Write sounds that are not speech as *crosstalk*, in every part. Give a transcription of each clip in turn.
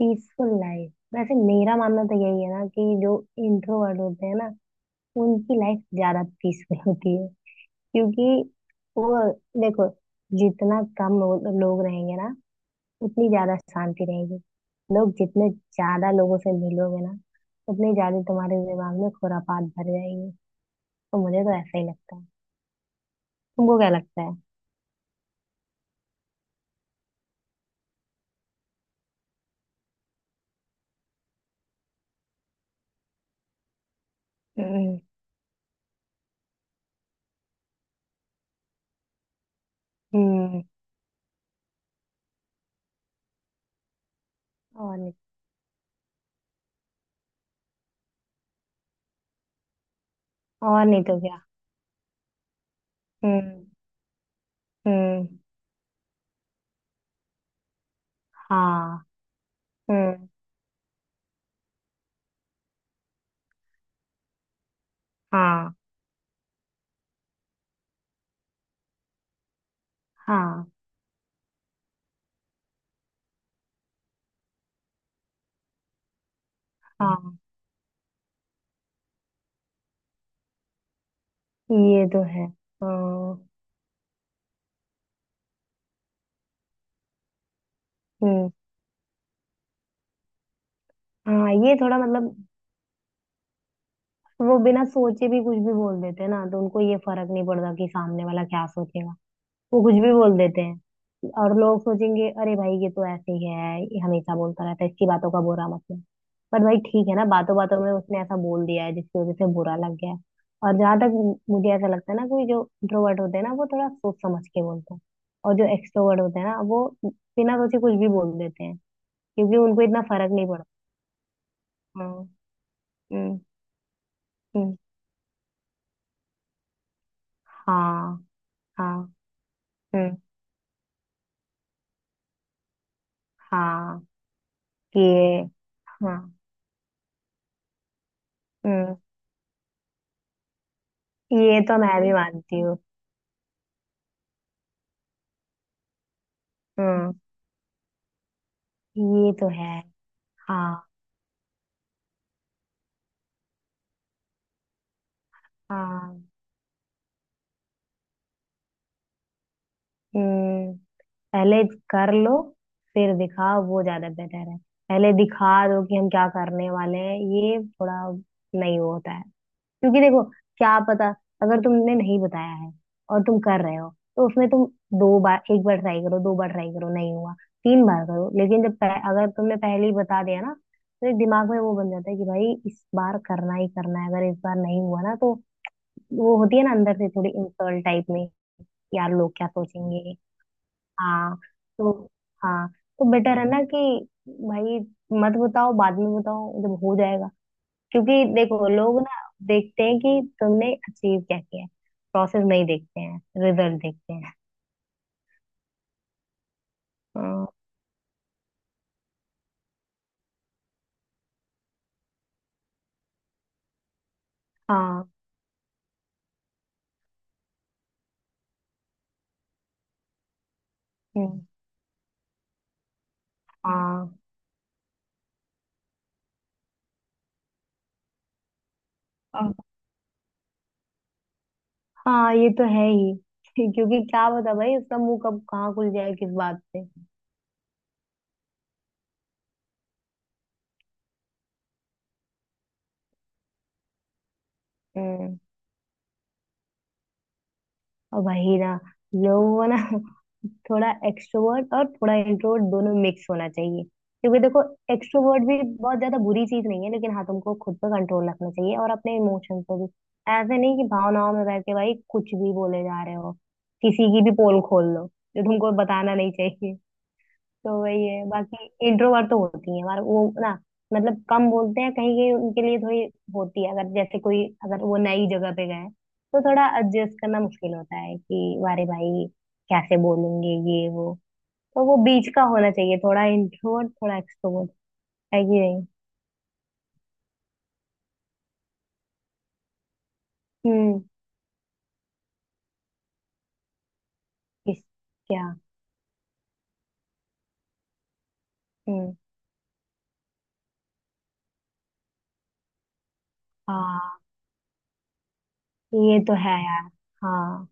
Peaceful life. वैसे मेरा मानना तो यही है ना कि जो इंट्रोवर्ट होते हैं ना, उनकी लाइफ ज्यादा पीसफुल *laughs* होती है। क्योंकि वो, देखो, जितना कम लोग रहेंगे ना, उतनी ज्यादा शांति रहेगी। लोग जितने ज्यादा लोगों से मिलोगे ना, उतने ज्यादा तुम्हारे दिमाग में खुरापात भर जाएगी। तो मुझे तो ऐसा ही लगता है। तुमको क्या लगता है? हम्म। हम्म। और नहीं। और नहीं तो क्या। हम्म। हम्म। हाँ। हम्म। हाँ। हाँ। हाँ, ये तो है। हाँ। हम्म। हाँ, ये थोड़ा मतलब, वो बिना सोचे भी कुछ भी बोल देते हैं ना, तो उनको ये फर्क नहीं पड़ता कि सामने वाला क्या सोचेगा। वो कुछ भी बोल देते हैं। और लोग सोचेंगे, अरे भाई ये तो ऐसे ही है, ये हमेशा बोलता रहता है, इसकी बातों का बुरा मतलब। पर भाई, ठीक है ना, बातों बातों में उसने ऐसा बोल दिया है जिसकी वजह से बुरा लग गया है। और जहां तक, मुझे ऐसा लगता है ना कि जो इंट्रोवर्ट होते हैं ना, वो थोड़ा सोच समझ के बोलते हैं। और जो एक्सट्रोवर्ट होते हैं ना, वो बिना सोचे कुछ भी बोल देते हैं, क्योंकि उनको इतना फर्क नहीं पड़ता। हाँ। 嗯嗯，好好，嗯好，ये। हाँ हाँ। हम्म। हाँ, ये। हाँ। हम्म। ये तो मैं भी मानती हूँ। हम्म। ये तो है। हाँ। हाँ। हम्म। पहले कर लो फिर दिखाओ, वो ज्यादा बेहतर है। पहले दिखा दो कि हम क्या करने वाले हैं, ये थोड़ा नहीं होता है। क्योंकि देखो, क्या पता, अगर तुमने नहीं बताया है और तुम कर रहे हो, तो उसमें तुम दो बार, एक बार ट्राई करो, दो बार ट्राई करो, नहीं हुआ, तीन बार करो। लेकिन जब अगर तुमने पहले ही बता दिया ना, तो एक दिमाग में वो बन जाता है कि भाई इस बार करना ही करना है, अगर इस बार नहीं हुआ ना, तो वो होती है ना अंदर से थोड़ी इंसल्ट टाइप में। यार लोग क्या सोचेंगे। हाँ तो हाँ, तो बेटर है ना कि, भाई, मत बताओ, बाद में बताओ जब हो जाएगा। क्योंकि देखो लोग ना देखते हैं कि तुमने अचीव क्या किया है। प्रोसेस नहीं देखते हैं, रिजल्ट देखते हैं। हाँ। हाँ। हम्म, हाँ। हाँ। हाँ, ये तो है ही। *laughs* क्योंकि क्या पता भाई, उसका मुंह कब कहाँ खुल जाए, किस बात पे। हम्म। और वही ना, लोगों को ना *laughs* थोड़ा एक्सट्रोवर्ट और थोड़ा इंट्रोवर्ट दोनों मिक्स होना चाहिए। क्योंकि देखो, एक्सट्रोवर्ट भी बहुत ज्यादा बुरी चीज नहीं है, लेकिन हाँ तुमको खुद पर कंट्रोल रखना चाहिए, और अपने इमोशंस पे भी। ऐसे नहीं कि भावनाओं में बह के भाई कुछ भी बोले जा रहे हो, किसी की भी पोल खोल लो जो तुमको बताना नहीं चाहिए। तो वही है। बाकी इंट्रोवर्ट तो होती है हमारा वो ना, मतलब कम बोलते हैं, कहीं कहीं उनके लिए थोड़ी होती है, अगर जैसे कोई, अगर वो नई जगह पे गए, तो थोड़ा एडजस्ट करना मुश्किल होता है कि वारे भाई कैसे बोलेंगे, ये वो। तो वो बीच का होना चाहिए, थोड़ा इंट्रोवर्ट थोड़ा एक्सट्रोवर्ट। है कि नहीं? हम्म। किस? क्या? हम्म। हाँ, ये तो है यार। हाँ।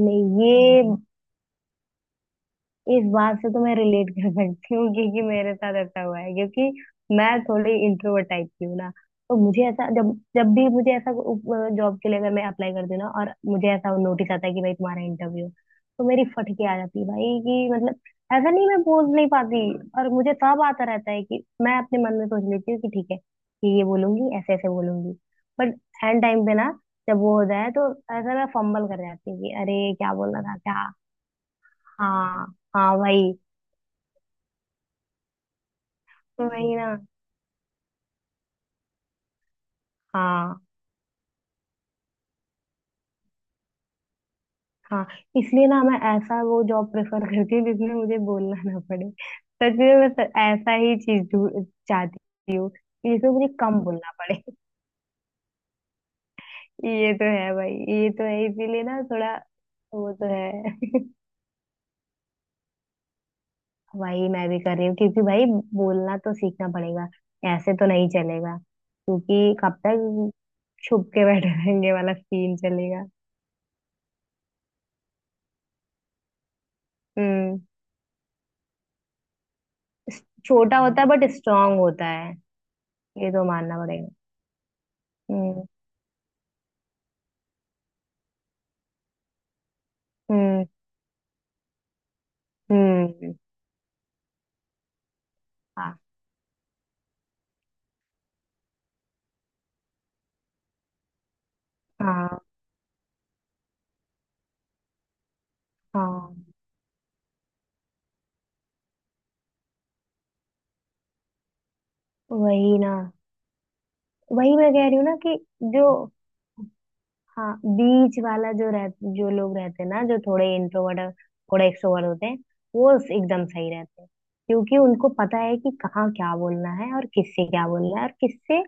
नहीं, ये, इस बात से तो मैं रिलेट कर सकती हूँ, क्योंकि मेरे साथ ऐसा हुआ है। क्योंकि मैं थोड़ी इंट्रोवर्ट टाइप की हूँ ना, तो मुझे ऐसा, जब जब भी मुझे ऐसा जॉब के लिए अगर मैं अप्लाई करती हूँ ना, और मुझे ऐसा नोटिस आता है कि भाई तुम्हारा इंटरव्यू, तो मेरी फटके आ जाती है भाई, कि मतलब ऐसा नहीं, मैं बोल नहीं पाती। और मुझे सब आता रहता है, कि मैं अपने मन में सोच लेती हूँ कि ठीक है कि ये बोलूंगी ऐसे ऐसे बोलूंगी, बट एंड टाइम पे ना, जब वो हो जाए तो ऐसा मैं फंबल कर जाती हूँ कि अरे क्या बोलना था क्या। हाँ। हाँ भाई। वही ना। हाँ। हाँ, इसलिए ना मैं ऐसा वो जॉब प्रेफर करती हूँ जिसमें मुझे बोलना ना पड़े। सच में मैं ऐसा ही चीज चाहती हूँ कि जिसमें मुझे कम बोलना पड़े। ये तो है भाई, ये तो है, इसीलिए ना थोड़ा। वो तो है। *laughs* वही मैं भी कर रही हूँ, क्योंकि भाई बोलना तो सीखना पड़ेगा, ऐसे तो नहीं चलेगा, क्योंकि कब तक छुप के बैठे रहेंगे वाला सीन चलेगा। हम्म। छोटा होता है, बट स्ट्रांग होता है। ये तो मानना पड़ेगा। हम्म। हम्म। हम्म। हाँ। हाँ। हाँ। वही ना। वही मैं कह रही हूँ ना कि, जो, हाँ, बीच वाला जो रह, जो लोग रहते हैं ना जो थोड़े इंट्रोवर्ट थोड़े एक्सट्रोवर्ट होते हैं, वो एकदम सही रहते हैं। क्योंकि उनको पता है कि कहाँ क्या बोलना है, और किससे क्या बोलना है, और किससे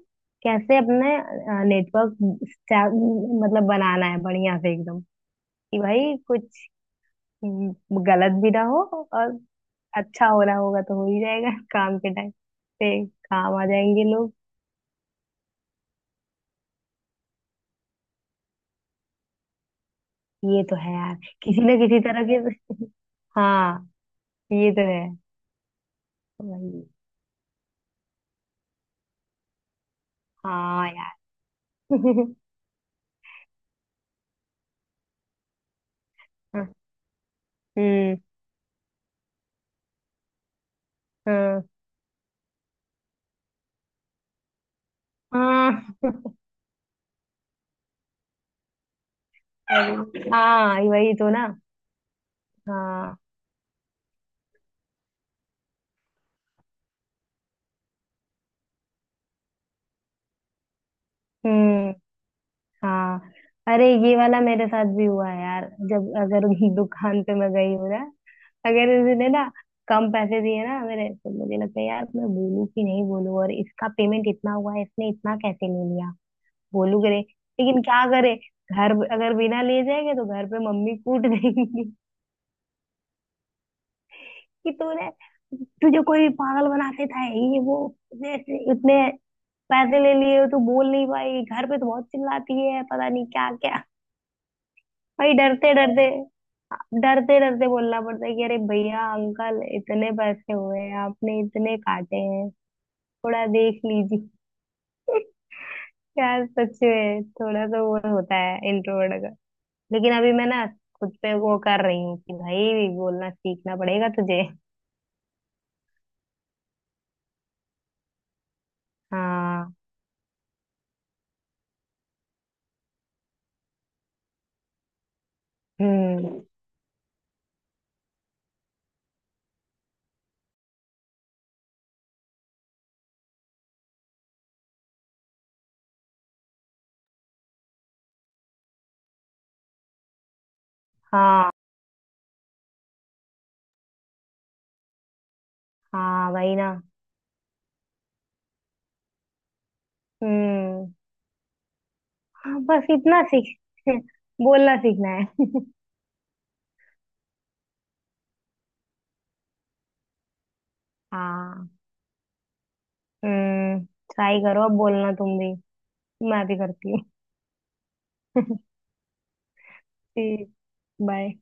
कैसे अपने नेटवर्क मतलब बनाना है बढ़िया से एकदम। कि भाई कुछ गलत भी ना हो, और अच्छा हो रहा होगा तो हो ही जाएगा। *laughs* काम के टाइम पे काम आ जाएंगे लोग। ये तो है यार। किसी ना किसी तरह के तो, हाँ, ये तो है। वही। हाँ यार। *laughs* हम्म। हाँ। हाँ। *laughs* अरे, हाँ वही तो ना। हाँ। हम्म। हाँ। अरे, ये वाला मेरे साथ भी हुआ है यार, जब अगर *laughs* दुकान पे मैं गई हूँ ना, अगर उसने ना कम पैसे दिए ना मेरे, तो मुझे लगता है यार, मैं बोलूँ कि नहीं बोलूँ, और इसका पेमेंट इतना हुआ है, इसने इतना कैसे ले लिया। बोलू करे। लेकिन क्या करे, घर अगर बिना ले जाएंगे तो घर पे मम्मी कूट *laughs* देंगी, कि तूने, तुझे कोई पागल बनाते था ये वो, जैसे इतने पैसे ले लिए हो, तू बोल नहीं पाई, घर पे तो बहुत चिल्लाती है पता नहीं क्या क्या। भाई डरते डरते बोलना पड़ता है कि अरे भैया अंकल, इतने पैसे हुए हैं, आपने इतने काटे हैं, थोड़ा देख लीजिए। यार सच में थोड़ा तो वो होता है इंट्रोवर्ट का। लेकिन अभी मैं ना खुद पे वो कर रही हूँ कि भाई बोलना सीखना पड़ेगा तुझे। हाँ। हम्म। हाँ। हाँ भाई ना। हम्म। हाँ, बस इतना सीख, *laughs* बोलना सीखना है। *laughs* हाँ। हम्म। ट्राई करो अब बोलना तुम भी। मैं भी करती हूँ। *laughs* ठीक। बाय।